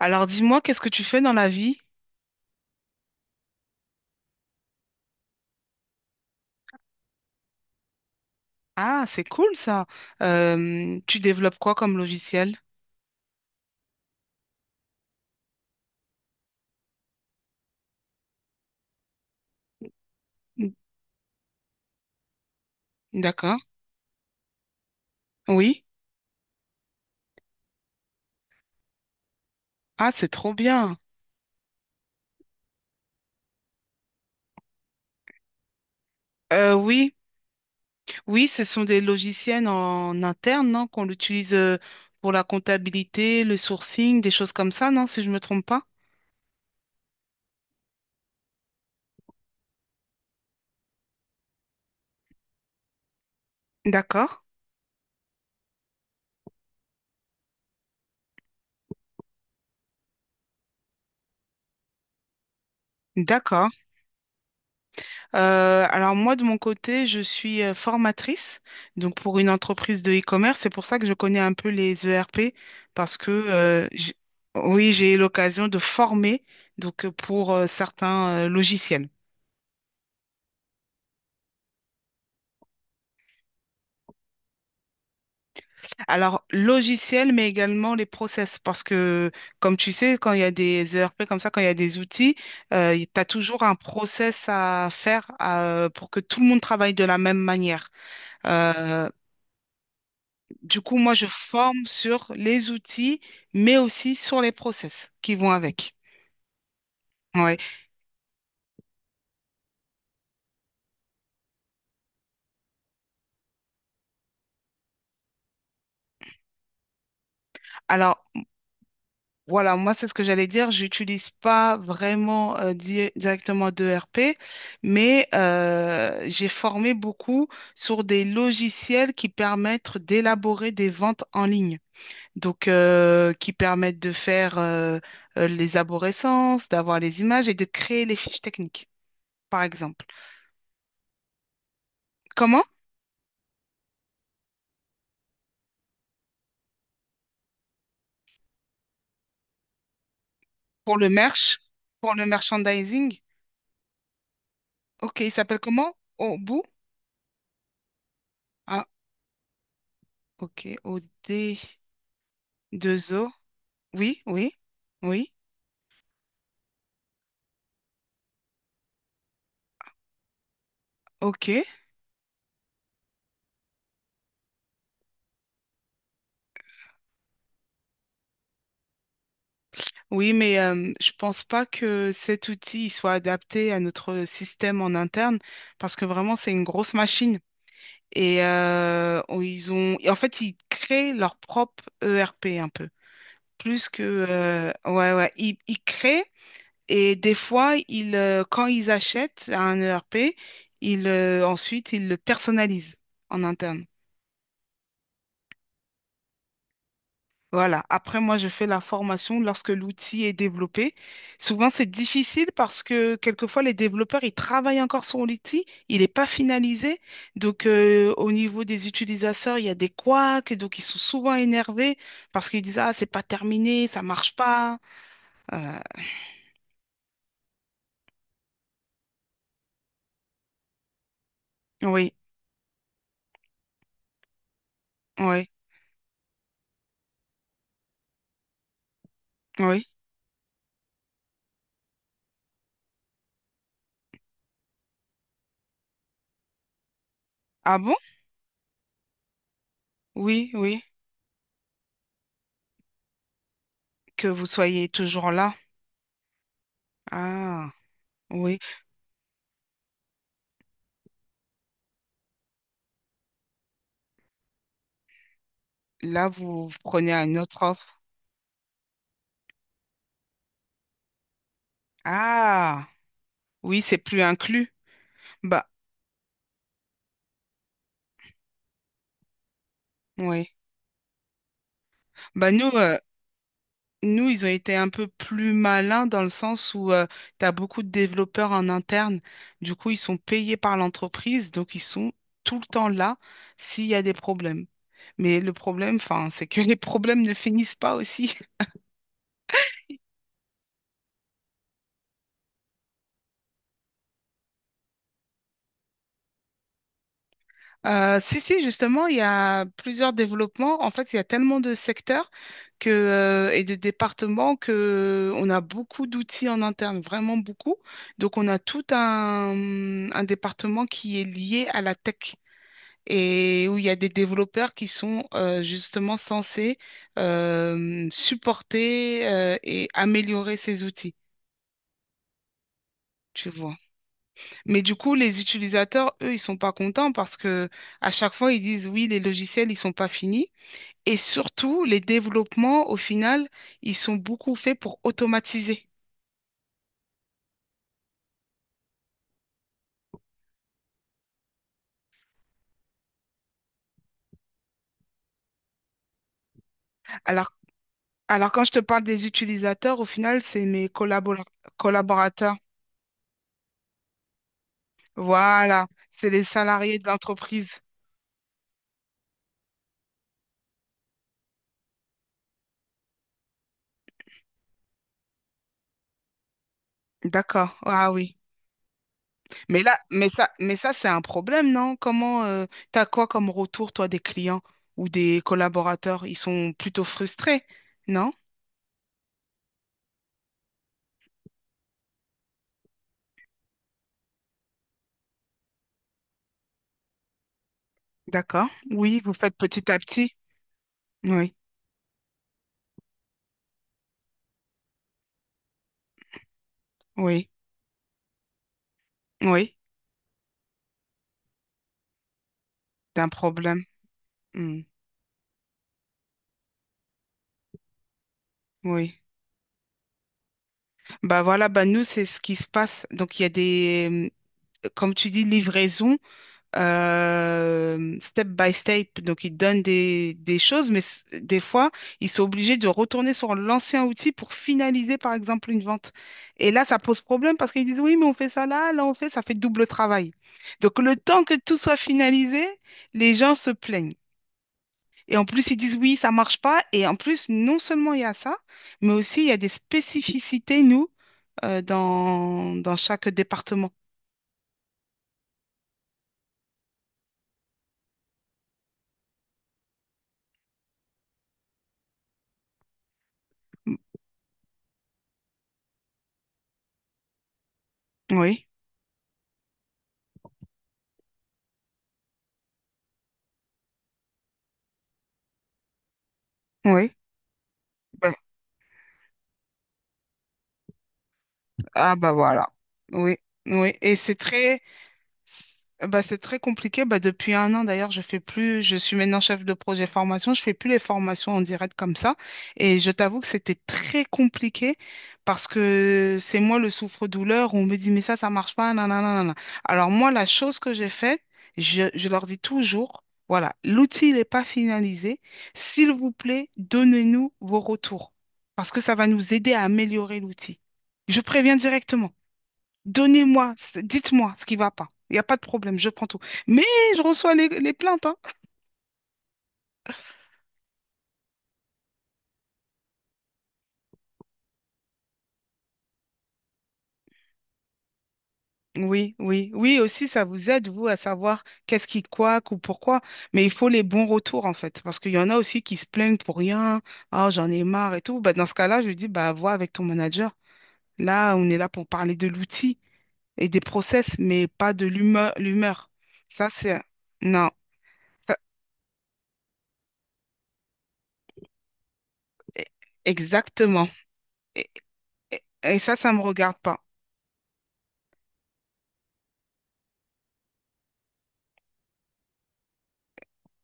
Alors dis-moi, qu'est-ce que tu fais dans la vie? Ah, c'est cool ça. Tu développes quoi comme logiciel? N- D'accord. Oui. Ah, c'est trop bien. Euh, oui, oui, ce sont des logiciels en interne, non, qu'on utilise pour la comptabilité, le sourcing, des choses comme ça, non, si je me trompe pas. D'accord. D'accord. Alors moi, de mon côté, je suis formatrice, donc pour une entreprise de e-commerce. C'est pour ça que je connais un peu les ERP, parce que oui, j'ai eu l'occasion de former donc pour certains logiciels. Alors logiciels, mais également les process, parce que comme tu sais, quand il y a des ERP comme ça, quand il y a des outils, tu as toujours un process à faire pour que tout le monde travaille de la même manière. Euh, Du coup, moi, je forme sur les outils, mais aussi sur les process qui vont avec. Ouais. Alors, voilà, moi, c'est ce que j'allais dire. J'utilise pas vraiment directement d'ERP, mais j'ai formé beaucoup sur des logiciels qui permettent d'élaborer des ventes en ligne. Donc, qui permettent de faire les aborescences, d'avoir les images et de créer les fiches techniques, par exemple. Comment? Pour le merch, pour le merchandising. Ok, il s'appelle comment? Obu? Ah, ok. O-Odoo. Oui, oui, oui. Ok. Oui, mais je pense pas que cet outil il soit adapté à notre système en interne parce que vraiment, c'est une grosse machine. Et ils ont... Et en fait, ils créent leur propre ERP un peu. Plus que... ouais. Ils créent et des fois, quand ils achètent un ERP, ensuite, ils le personnalisent en interne. Voilà. Après, moi, je fais la formation lorsque l'outil est développé. Souvent, c'est difficile parce que quelquefois, les développeurs, ils travaillent encore sur l'outil, il n'est pas finalisé. Donc, au niveau des utilisateurs, il y a des couacs, donc ils sont souvent énervés parce qu'ils disent, ah, c'est pas terminé, ça marche pas. Euh, oui, oui, oui. Ah bon? Oui, oui. Que vous soyez toujours là. Ah, oui. Là, vous prenez une autre offre. Ah, oui, c'est plus inclus. Bah. Oui. Bah nous, nous, ils ont été un peu plus malins dans le sens où tu as beaucoup de développeurs en interne. Du coup, ils sont payés par l'entreprise, donc ils sont tout le temps là s'il y a des problèmes. Mais le problème, enfin, c'est que les problèmes ne finissent pas aussi. Si, si, justement, il y a plusieurs développements. En fait, il y a tellement de secteurs que, et de départements que on a beaucoup d'outils en interne, vraiment beaucoup. Donc, on a tout un département qui est lié à la tech et où il y a des développeurs qui sont justement censés supporter et améliorer ces outils. Tu vois. Mais du coup, les utilisateurs, eux, ils sont pas contents parce que à chaque fois, ils disent oui, les logiciels, ils sont pas finis. Et surtout, les développements, au final, ils sont beaucoup faits pour automatiser. Alors, alors, quand je te parle des utilisateurs, au final, c'est mes collaborateurs. Voilà, c'est les salariés de l'entreprise. D'accord. Ah oui. Mais ça, c'est un problème, non? Comment, t'as quoi comme retour, toi, des clients ou des collaborateurs? Ils sont plutôt frustrés, non? D'accord. Oui, vous faites petit à petit. Oui, oui, oui. D'un problème. Hmm. Oui. Bah voilà, bah nous, c'est ce qui se passe. Donc, il y a des, comme tu dis, livraison step by step. Donc, ils donnent des choses, mais des fois, ils sont obligés de retourner sur l'ancien outil pour finaliser, par exemple, une vente. Et là, ça pose problème parce qu'ils disent, oui, mais on fait ça là, là, on fait, ça fait double travail. Donc, le temps que tout soit finalisé, les gens se plaignent. Et en plus, ils disent, oui, ça marche pas. Et en plus, non seulement il y a ça, mais aussi, il y a des spécificités, nous dans chaque département. Oui, oui. Ben, ah bah voilà. Oui, oui. Et c'est très, bah, c'est très compliqué. Bah, depuis un an, d'ailleurs, je suis maintenant chef de projet formation. Je fais plus les formations en direct comme ça. Et je t'avoue que c'était très compliqué parce que c'est moi le souffre-douleur. On me dit, mais ça marche pas. Nanana, nanana. Alors, moi, la chose que j'ai faite, je leur dis toujours, voilà, l'outil n'est pas finalisé. S'il vous plaît, donnez-nous vos retours parce que ça va nous aider à améliorer l'outil. Je préviens directement. Dites-moi ce qui va pas. Il n'y a pas de problème, je prends tout. Mais je reçois les plaintes, hein. Oui, oui, oui, aussi, ça vous aide, vous, à savoir qu'est-ce qui coaque ou pourquoi. Mais il faut les bons retours, en fait. Parce qu'il y en a aussi qui se plaignent pour rien. Ah, j'en ai marre et tout. Bah, dans ce cas-là, je lui dis, bah, vois avec ton manager. Là, on est là pour parler de l'outil et des process, mais pas de l'humeur. Ça, c'est... Non. Ça- e- Exactement. Et, et ça me regarde pas.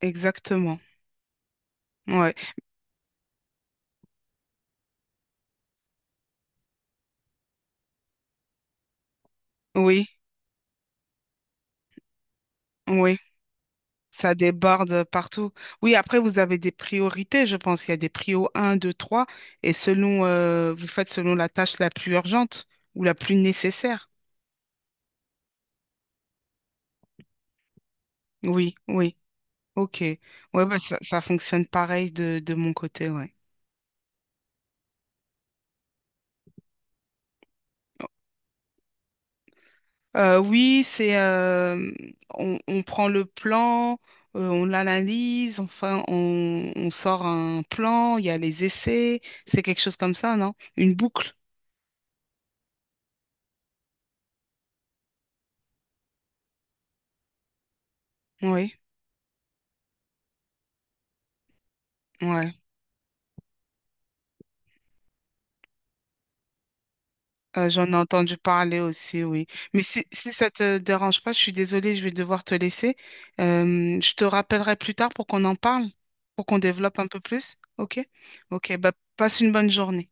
Exactement. Ouais. Oui. Oui, ça déborde partout. Oui, après, vous avez des priorités, je pense. Il y a des prios un, 2, 3, et selon, vous faites selon la tâche la plus urgente ou la plus nécessaire. Oui, oui, ok. Ouais, bah, ça fonctionne pareil de mon côté, ouais. Oui, on prend le plan, on l'analyse, enfin, on sort un plan, il y a les essais, c'est quelque chose comme ça, non? Une boucle, oui. Ouais. J'en ai entendu parler aussi, oui. Mais si, si ça te dérange pas, je suis désolée, je vais devoir te laisser. Je te rappellerai plus tard pour qu'on en parle, pour qu'on développe un peu plus. OK? OK, bah passe une bonne journée.